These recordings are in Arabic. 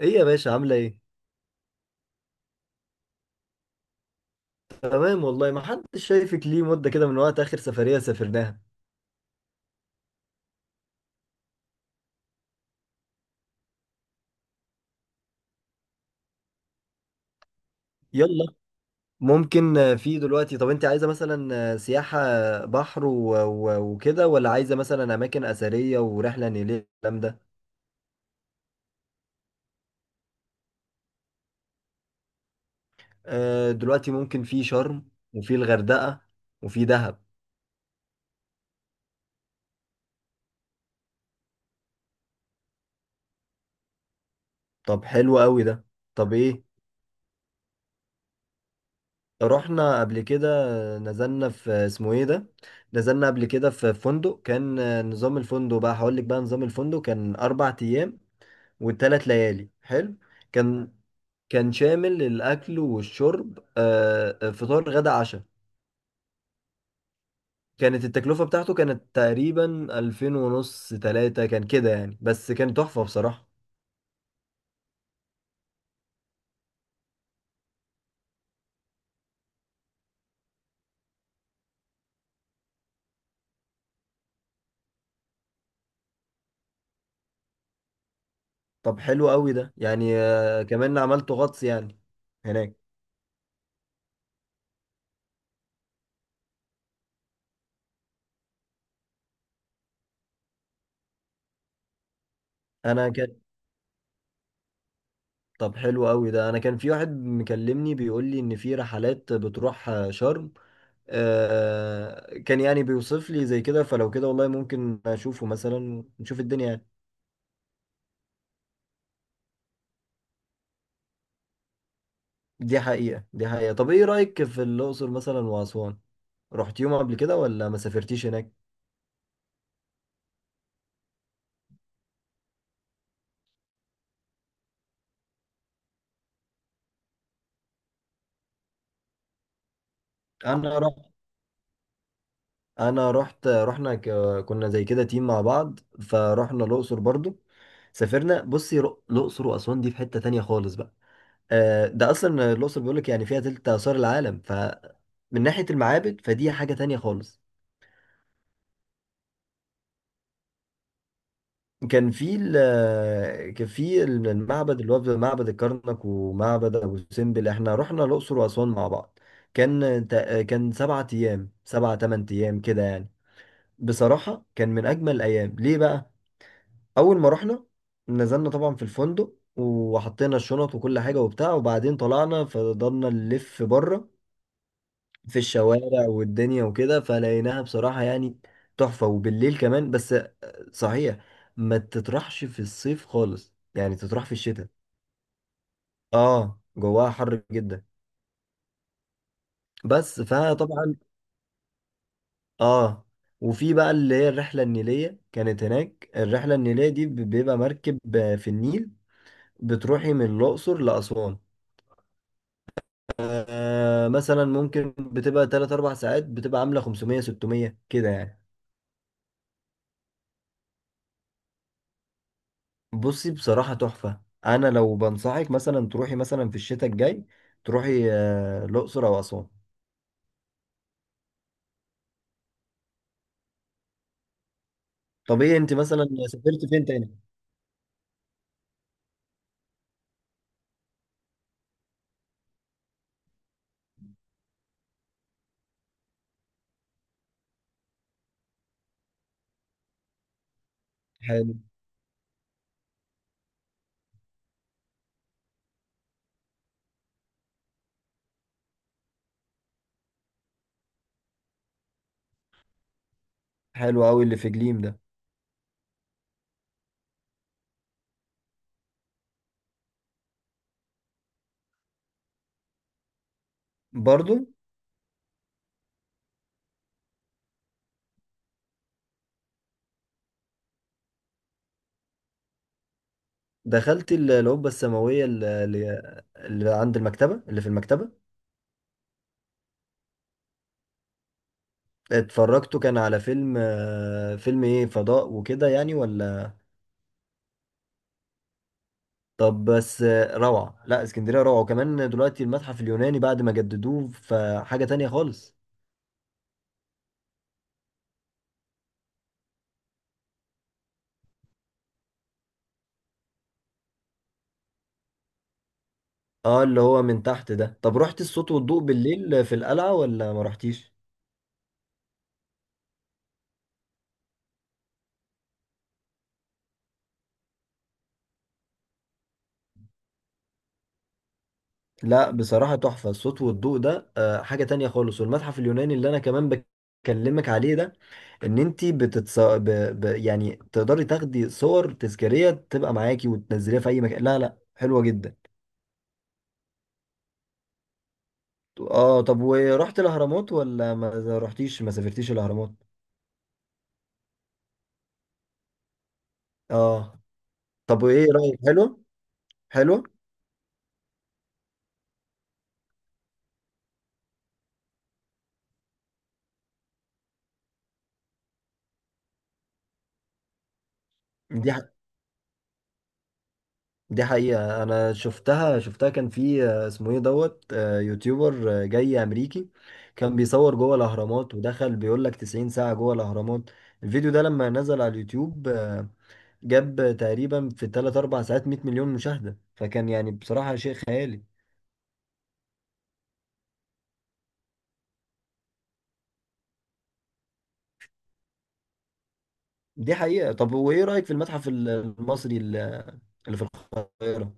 ايه يا باشا عاملة ايه؟ تمام والله ما حدش شايفك ليه مدة كده من وقت آخر سفرية سافرناها. يلا، ممكن في دلوقتي. طب انت عايزة مثلا سياحة بحر وكده، ولا عايزة مثلا أماكن أثرية ورحلة نيلية الكلام ده؟ دلوقتي ممكن في شرم، وفي الغردقة، وفي دهب. طب حلو قوي ده. طب ايه؟ رحنا قبل كده، نزلنا في اسمه ايه ده؟ نزلنا قبل كده في فندق كان نظام الفندق، بقى هقول لك بقى نظام الفندق كان أربع أيام والتلات ليالي حلو. كان كان شامل الأكل والشرب، فطار غدا عشاء. كانت التكلفة بتاعته كانت تقريبا ألفين ونص تلاتة كان كده يعني، بس كان تحفة بصراحة. طب حلو قوي ده، يعني كمان عملت غطس يعني هناك. أنا كان طب حلو قوي ده. أنا كان في واحد مكلمني بيقول لي إن في رحلات بتروح شرم، كان يعني بيوصف لي زي كده، فلو كده والله ممكن أشوفه مثلا ونشوف الدنيا يعني. دي حقيقة دي حقيقة. طب ايه رأيك في الأقصر مثلا وأسوان؟ رحت يوم قبل كده ولا ما سافرتيش هناك؟ انا رحت انا رحت كنا زي كده تيم مع بعض، فرحنا الأقصر برضو. سافرنا، بصي، الأقصر وأسوان دي في حتة تانية خالص بقى. ده أصلا الأقصر بيقولك يعني فيها تلت آثار العالم، فمن ناحية المعابد فدي حاجة تانية خالص. كان في كان في المعبد اللي هو معبد الكرنك ومعبد ابو سمبل. احنا رحنا الاقصر واسوان مع بعض. كان سبعة ايام، سبعة تمن ايام كده يعني. بصراحة كان من اجمل الايام. ليه بقى؟ اول ما رحنا نزلنا طبعا في الفندق وحطينا الشنط وكل حاجة وبتاع، وبعدين طلعنا فضلنا نلف بره في الشوارع والدنيا وكده، فلقيناها بصراحة يعني تحفة، وبالليل كمان. بس صحيح، ما تطرحش في الصيف خالص يعني، تطرح في الشتاء. اه جواها حر جدا، بس فطبعا اه. وفي بقى اللي هي الرحلة النيلية كانت هناك. الرحلة النيلية دي بيبقى مركب في النيل، بتروحي من الأقصر لأسوان. آه مثلا ممكن بتبقى 3 4 ساعات، بتبقى عاملة 500 600 كده يعني. بصي بصراحة تحفة. أنا لو بنصحك مثلا تروحي مثلا في الشتاء الجاي، تروحي الأقصر أو أسوان. طب إيه أنت مثلا سافرت فين تاني؟ حلو. حلو أوي اللي في جليم ده. برضو دخلت القبة السماوية اللي عند المكتبة، اللي في المكتبة. اتفرجتوا كان على فيلم، فيلم إيه، فضاء وكده يعني ولا؟ طب بس روعة. لا، اسكندرية روعة، وكمان دلوقتي المتحف اليوناني بعد ما جددوه فحاجة تانية خالص. اه اللي هو من تحت ده. طب رحت الصوت والضوء بالليل في القلعة ولا ما رحتيش؟ لا بصراحة تحفة الصوت والضوء ده، حاجة تانية خالص. والمتحف اليوناني اللي انا كمان بكلمك عليه ده، ان انت يعني تقدري تاخدي صور تذكارية تبقى معاكي وتنزليها في اي مكان، لا لا حلوة جدا. اه، طب ورحت الاهرامات ولا ما رحتيش ما سافرتيش الاهرامات؟ اه. طب وايه رأيك؟ حلو حلو. دي دي حقيقة. أنا شفتها كان في اسمه إيه، دوت، يوتيوبر جاي أمريكي، كان بيصور جوه الأهرامات. ودخل بيقول لك 90 ساعة جوه الأهرامات. الفيديو ده لما نزل على اليوتيوب جاب تقريبا في 3 4 ساعات 100 مليون مشاهدة، فكان يعني بصراحة شيء خيالي. دي حقيقة. طب وإيه رأيك في المتحف المصري اللي في القاهرة؟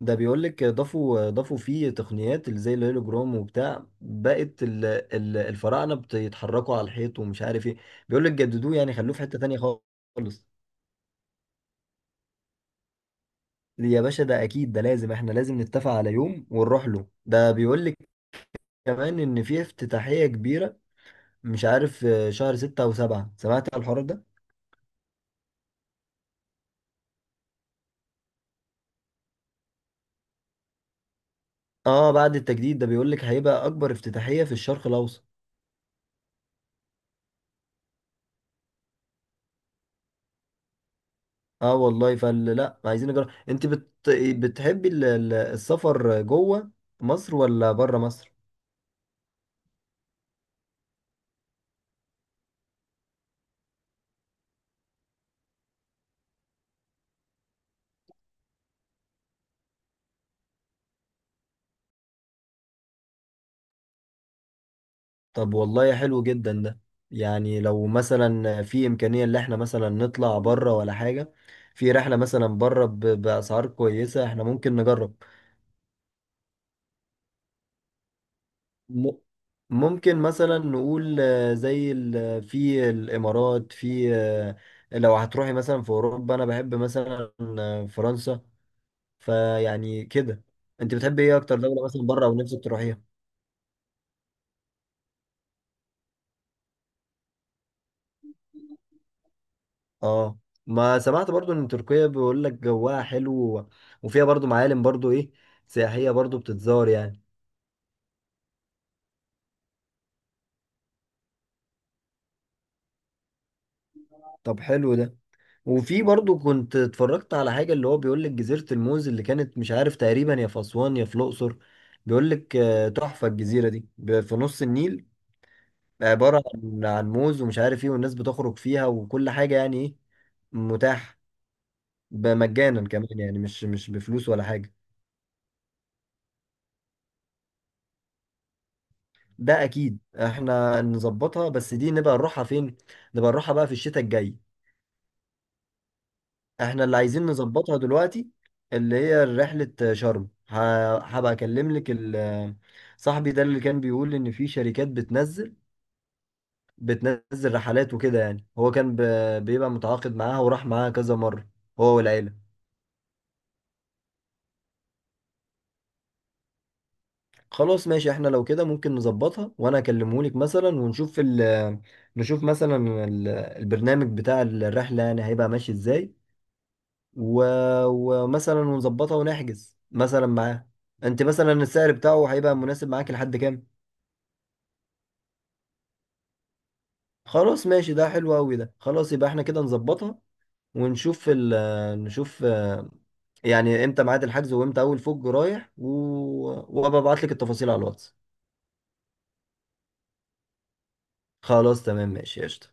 ده بيقول لك ضافوا فيه تقنيات اللي زي الهولوجرام وبتاع، بقت الفراعنه بيتحركوا على الحيط ومش عارف ايه. بيقول لك جددوه يعني، خلوه في حته تانية خالص. يا باشا ده اكيد، ده لازم احنا لازم نتفق على يوم ونروح له. ده بيقول لك كمان ان في افتتاحيه كبيره، مش عارف شهر ستة او سبعة، سمعت على الحوار ده. اه بعد التجديد، ده بيقول لك هيبقى اكبر افتتاحيه في الشرق الاوسط. اه والله فال. لا، عايزين نجرب. انت بتحبي السفر جوه مصر ولا بره مصر؟ طب والله حلو جدا ده يعني. لو مثلا في امكانية ان احنا مثلا نطلع بره ولا حاجة، في رحلة مثلا بره باسعار كويسة، احنا ممكن نجرب. م... ممكن مثلا نقول زي في الامارات، في لو هتروحي مثلا في اوروبا انا بحب مثلا فرنسا. فيعني كده، انت بتحبي ايه اكتر دولة مثلا بره او نفسك تروحيها؟ اه ما سمعت برضو ان تركيا بيقول لك جواها حلو، و- وفيها برضو معالم برضو ايه، سياحية، برضو بتتزار يعني. طب حلو ده. وفي برضو كنت اتفرجت على حاجة، اللي هو بيقول لك جزيرة الموز، اللي كانت مش عارف تقريبا يا في اسوان يا في الاقصر. بيقول لك تحفة الجزيرة دي، في نص النيل، عبارة عن موز ومش عارف ايه، والناس بتخرج فيها وكل حاجة يعني. ايه، متاح مجانا كمان يعني، مش بفلوس ولا حاجة. ده اكيد احنا نظبطها، بس دي نبقى نروحها فين؟ نبقى نروحها بقى في الشتاء الجاي. احنا اللي عايزين نظبطها دلوقتي اللي هي رحلة شرم. هبقى اكلم لك صاحبي ده اللي كان بيقول ان في شركات بتنزل رحلات وكده يعني، هو كان بيبقى متعاقد معاها وراح معاها كذا مرة هو والعيلة. خلاص ماشي، احنا لو كده ممكن نظبطها، وانا اكلمهولك مثلا ونشوف نشوف مثلا البرنامج بتاع الرحلة يعني هيبقى ماشي ازاي، و... ومثلا ونظبطها ونحجز مثلا معاه. انت مثلا السعر بتاعه هيبقى مناسب معاك لحد كام؟ خلاص ماشي، ده حلو قوي ده. خلاص يبقى احنا كده نظبطها، ونشوف ال... نشوف يعني امتى ميعاد الحجز، وامتى اول فوج رايح، و... وابقى ابعت لك التفاصيل على الواتس. خلاص تمام ماشي قشطة.